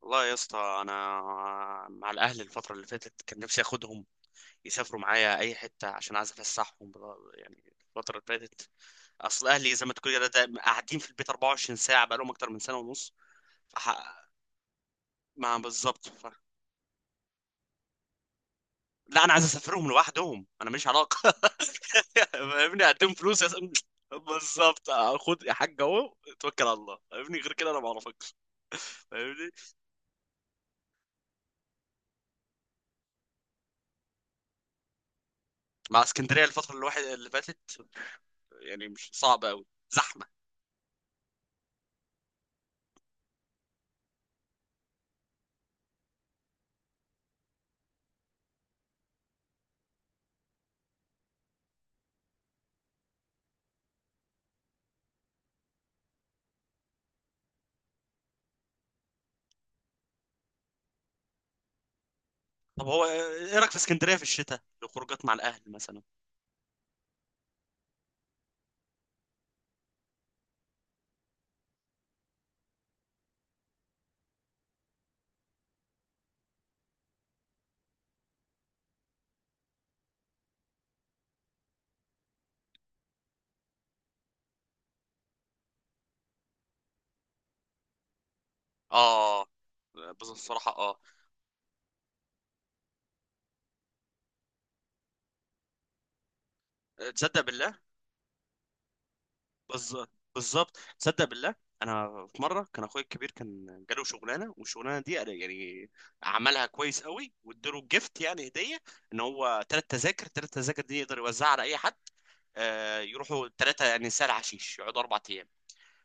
والله يا اسطى انا مع الاهل الفتره اللي فاتت كان نفسي اخدهم يسافروا معايا اي حته عشان عايز افسحهم الفتره اللي فاتت. اصل اهلي زي ما تقول كده دايما قاعدين في البيت 24 ساعه، بقالهم اكتر من سنه ونص. فح... ما بالظبط ف... لا، انا عايز اسافرهم لوحدهم، انا ماليش علاقه. فاهمني، اديهم فلوس بالظبط خد يا حاج اهو، توكل على الله. فاهمني، غير كده انا ما اعرفش. فاهمني. مع اسكندريه الفتره اللي فاتت، يعني مش صعبه قوي. طب هو ايه رايك في اسكندريه في الشتاء لخروجات مع الاهل مثلا؟ اه. بصراحه اه. تصدق بالله؟ بز- بالظبط، تصدق بالله. انا في مره كان اخويا الكبير كان جاله شغلانه، والشغلانه دي أنا يعني عملها كويس قوي، واداله جيفت يعني هديه. ان هو ثلاث تذاكر دي يقدر يوزعها على اي حد. يروحوا 3 يعني سهل حشيش، يقعدوا 4 ايام.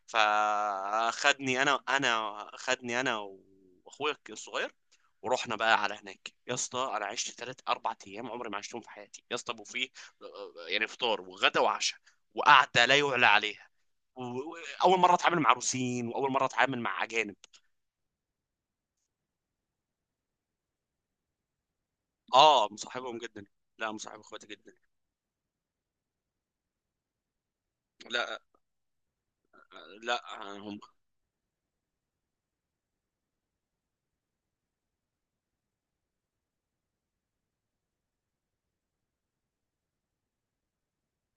فاخدني انا انا خدني انا واخويا الصغير. ورحنا بقى على هناك يا اسطى، انا عشت 3 4 ايام عمري ما عشتهم في حياتي يا اسطى. وفيه يعني فطار وغدا وعشاء وقعده لا يعلى عليها. و- واول مره اتعامل مع روسيين، واول مره اتعامل مع اجانب. اه، مصاحبهم جدا. لا، مصاحب اخواتي جدا. لا لا هم.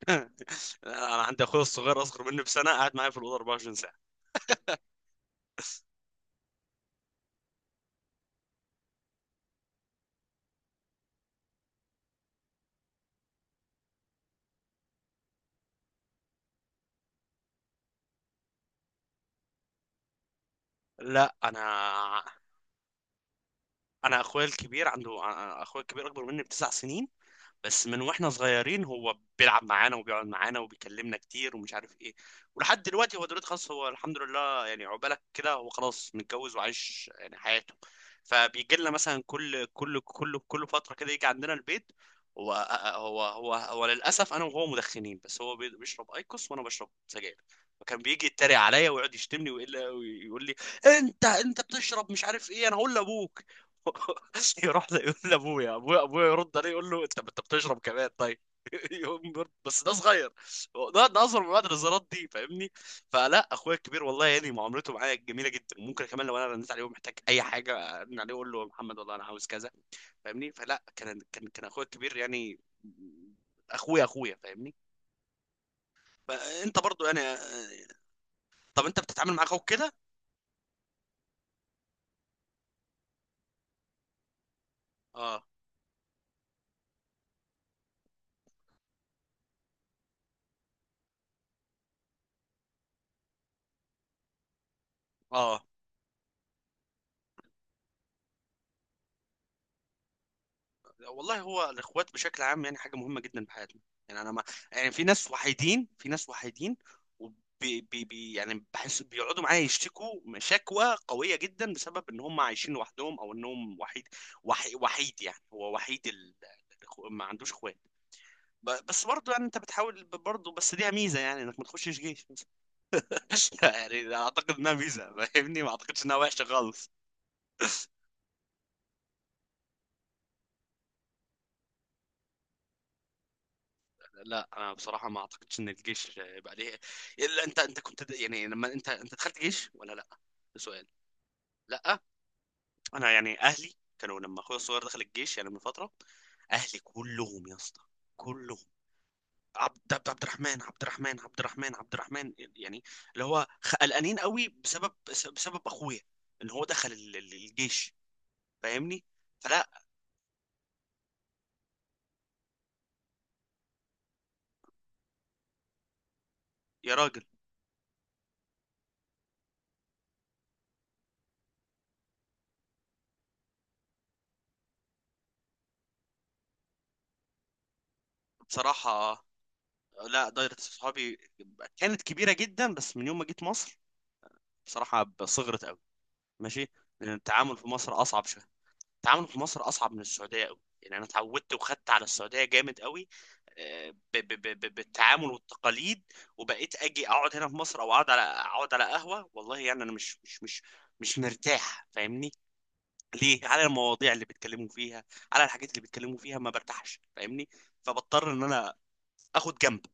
لا، انا عندي اخويا الصغير اصغر مني بسنة قاعد معايا في الاوضه 24 ساعه. لا انا انا اخويا الكبير اخويا الكبير اكبر مني بـ 9 سنين. بس من واحنا صغيرين هو بيلعب معانا وبيقعد معانا وبيكلمنا كتير ومش عارف ايه. ولحد دلوقتي هو دلوقتي خلاص، هو الحمد لله يعني عقبالك كده، هو خلاص متجوز وعايش يعني حياته. فبيجي لنا مثلا كل فترة كده يجي عندنا البيت. هو هو للاسف انا وهو مدخنين، بس هو بيشرب ايكوس وانا بشرب سجاير. وكان بيجي يتريق عليا ويقعد يشتمني، ويقول لي: انت بتشرب مش عارف ايه، انا هقول لابوك. يروح يقول لابويا ابويا ابويا، يرد عليه يقول له: انت بتشرب كمان طيب. يقوم يرد: بس ده صغير، ده اصغر. من بعد النظارات دي فاهمني. فلا، اخويا الكبير والله يعني معاملته معايا جميله جدا. ممكن كمان لو انا رنيت عليه ومحتاج اي حاجه ارن عليه اقول له: يا محمد والله انا عاوز كذا. فاهمني. فلا كان كان اخويا الكبير يعني اخويا فاهمني. فانت برضو يعني طب انت بتتعامل مع اخوك كده؟ اه اه. والله هو الاخوات بشكل عام يعني حاجه مهمه جدا في حياتنا. يعني انا ما يعني في ناس وحيدين، في ناس وحيدين. وبي بي بي يعني بحس بيقعدوا معايا يشتكوا شكوى قويه جدا بسبب ان هم عايشين لوحدهم او انهم وحيد. وحيد يعني هو وحيد ما عندوش اخوات. بس برضه يعني انت بتحاول برضه، بس ليها ميزه يعني انك ما تخشش جيش. يعني اعتقد انها ميزه، فاهمني، ما اعتقدش انها وحشه خالص. لا انا بصراحه ما اعتقدش ان الجيش يبقى ليه. الا انت انت كنت د- يعني لما انت انت دخلت جيش ولا لا؟ ده سؤال. لا انا يعني اهلي كانوا لما اخويا الصغير دخل الجيش يعني من فتره، اهلي كلهم يا اسطى كلهم عبد عبد عبد الرحمن عبد الرحمن عبد الرحمن عبد الرحمن يعني، اللي هو قلقانين قوي بسبب اخويا ان هو دخل الجيش، فاهمني. فلا يا راجل. بصراحه، لا، دايرة صحابي كانت كبيرة جدا، بس من يوم ما جيت مصر بصراحه صغرت قوي. ماشي. لان التعامل في مصر اصعب شويه. التعامل في مصر اصعب من السعوديه قوي. يعني انا اتعودت وخدت على السعوديه جامد قوي. بالتعامل والتقاليد. وبقيت اجي اقعد هنا في مصر او اقعد على قهوه، والله يعني انا مش مرتاح، فاهمني، ليه؟ على المواضيع اللي بيتكلموا فيها، على الحاجات اللي بيتكلموا فيها ما برتاحش فاهمني. فبضطر ان انا اخد جنب،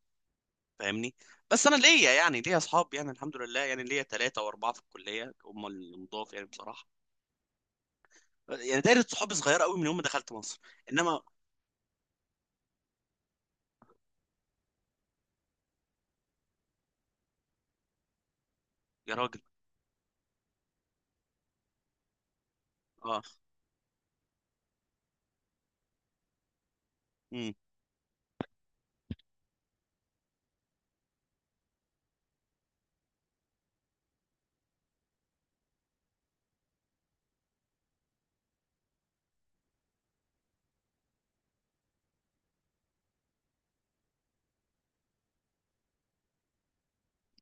فاهمني. بس انا ليا يعني ليا اصحاب، يعني الحمد لله يعني ليا 3 و 4 في الكلية هم المضاف يعني بصراحة. يعني دايره صحابي صغيره قوي من يوم ما دخلت مصر. انما يا راجل اه. امم.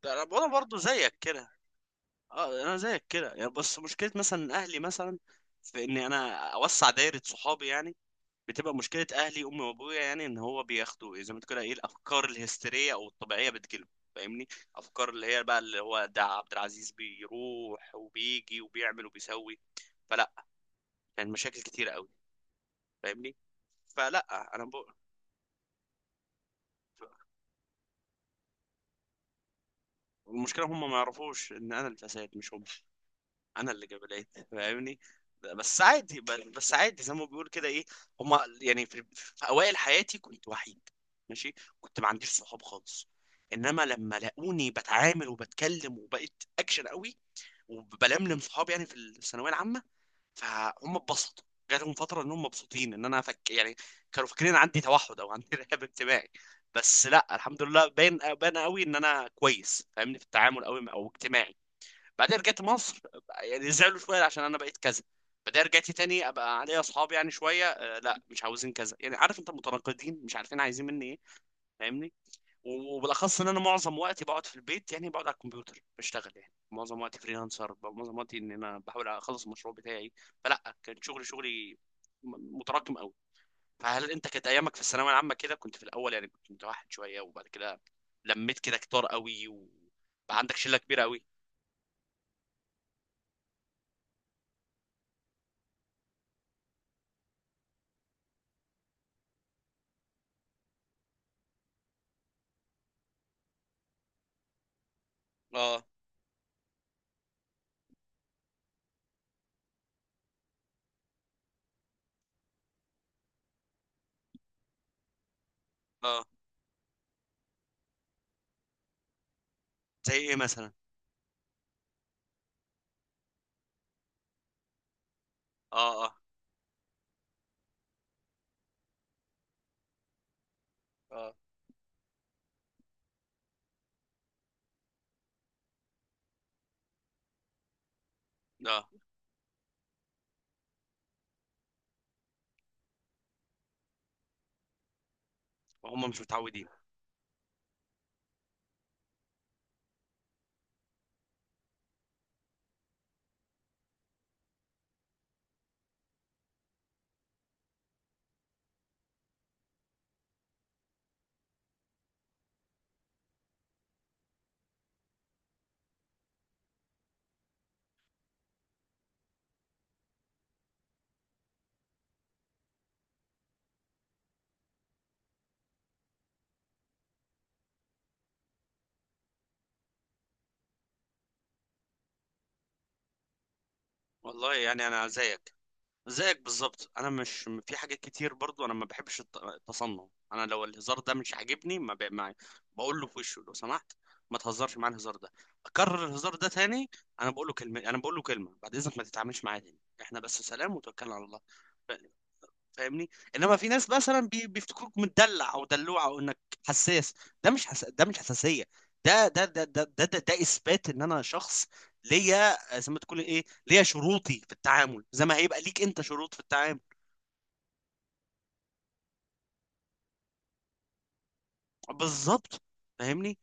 ده انا أنا برضه زيك كده. اه، انا زيك كده يعني، بس مشكله مثلا اهلي مثلا في ان انا اوسع دايره صحابي يعني بتبقى مشكله. اهلي امي وابويا يعني ان هو بياخدوا زي ما تقول كده ايه، الافكار الهستيريه او الطبيعيه بتجيلهم، فاهمني. افكار اللي هي بقى اللي هو ده عبد العزيز بيروح وبيجي وبيعمل وبيسوي. فلا يعني مشاكل كتيره قوي، فاهمني. فلا انا بقى. والمشكله هم ما يعرفوش ان انا اللي اتسيد مش هم، انا اللي جاب العيد، فاهمني. بس عادي ب- بس عادي، زي ما بيقول كده ايه. هم يعني في، في اوائل حياتي كنت وحيد، ماشي، كنت ما عنديش صحاب خالص. انما لما لاقوني بتعامل وبتكلم وبقيت اكشن قوي وبلملم صحابي يعني في الثانويه العامه، فهم اتبسطوا. جاتهم فتره انهم مبسوطين ان انا فك يعني، كانوا فاكرين عندي توحد او عندي رهاب اجتماعي. بس لا الحمد لله، باين قوي ان انا كويس، فاهمني، في التعامل قوي او اجتماعي. بعدين رجعت مصر، يعني زعلوا شويه عشان انا بقيت كذا. بعدين رجعت تاني ابقى عليا اصحاب يعني شويه لا مش عاوزين كذا. يعني عارف انت متناقضين مش عارفين عايزين مني ايه، فاهمني. وبالاخص ان انا معظم وقتي بقعد في البيت، يعني بقعد على الكمبيوتر بشتغل يعني معظم وقتي فريلانسر، معظم وقتي ان انا بحاول اخلص المشروع بتاعي. فلا كان شغلي متراكم قوي. فهل انت كانت ايامك في الثانويه العامه كده كنت في الاول يعني كنت متوحد شويه، وبعد كده لميت كده كتار قوي وبقى عندك شله كبيره قوي؟ اه اه. زي ايه مثلا؟ اه اه اه اه. وهم مش متعودين. والله يعني انا زيك، زيك بالظبط. انا مش، في حاجات كتير برضو انا ما بحبش التصنع. انا لو الهزار ده مش عاجبني ما ب... ما... بقول له في وشه: لو سمحت ما تهزرش معايا الهزار ده، اكرر الهزار ده تاني. انا بقول له كلمه: بعد اذنك ما تتعاملش معايا تاني، احنا بس سلام وتوكلنا على الله، فاهمني. انما في ناس مثلا بيفتكروك مدلع او دلوع او انك حساس. ده مش حساسيه، ده اثبات ان انا شخص ليا زي ما تقول ايه، ليا شروطي في التعامل زي ما هيبقى ليك انت شروط في التعامل. بالظبط، فاهمني.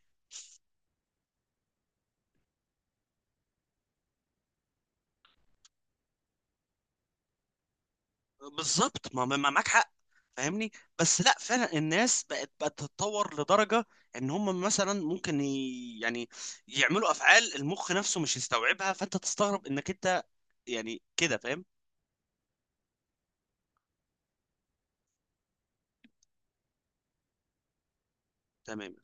بالظبط معاك حق، فاهمني. بس لا فعلا الناس بقت تتطور لدرجه ان هم مثلا ممكن يعني يعملوا افعال المخ نفسه مش يستوعبها، فانت تستغرب انك انت يعني كده، فاهم؟ تمام.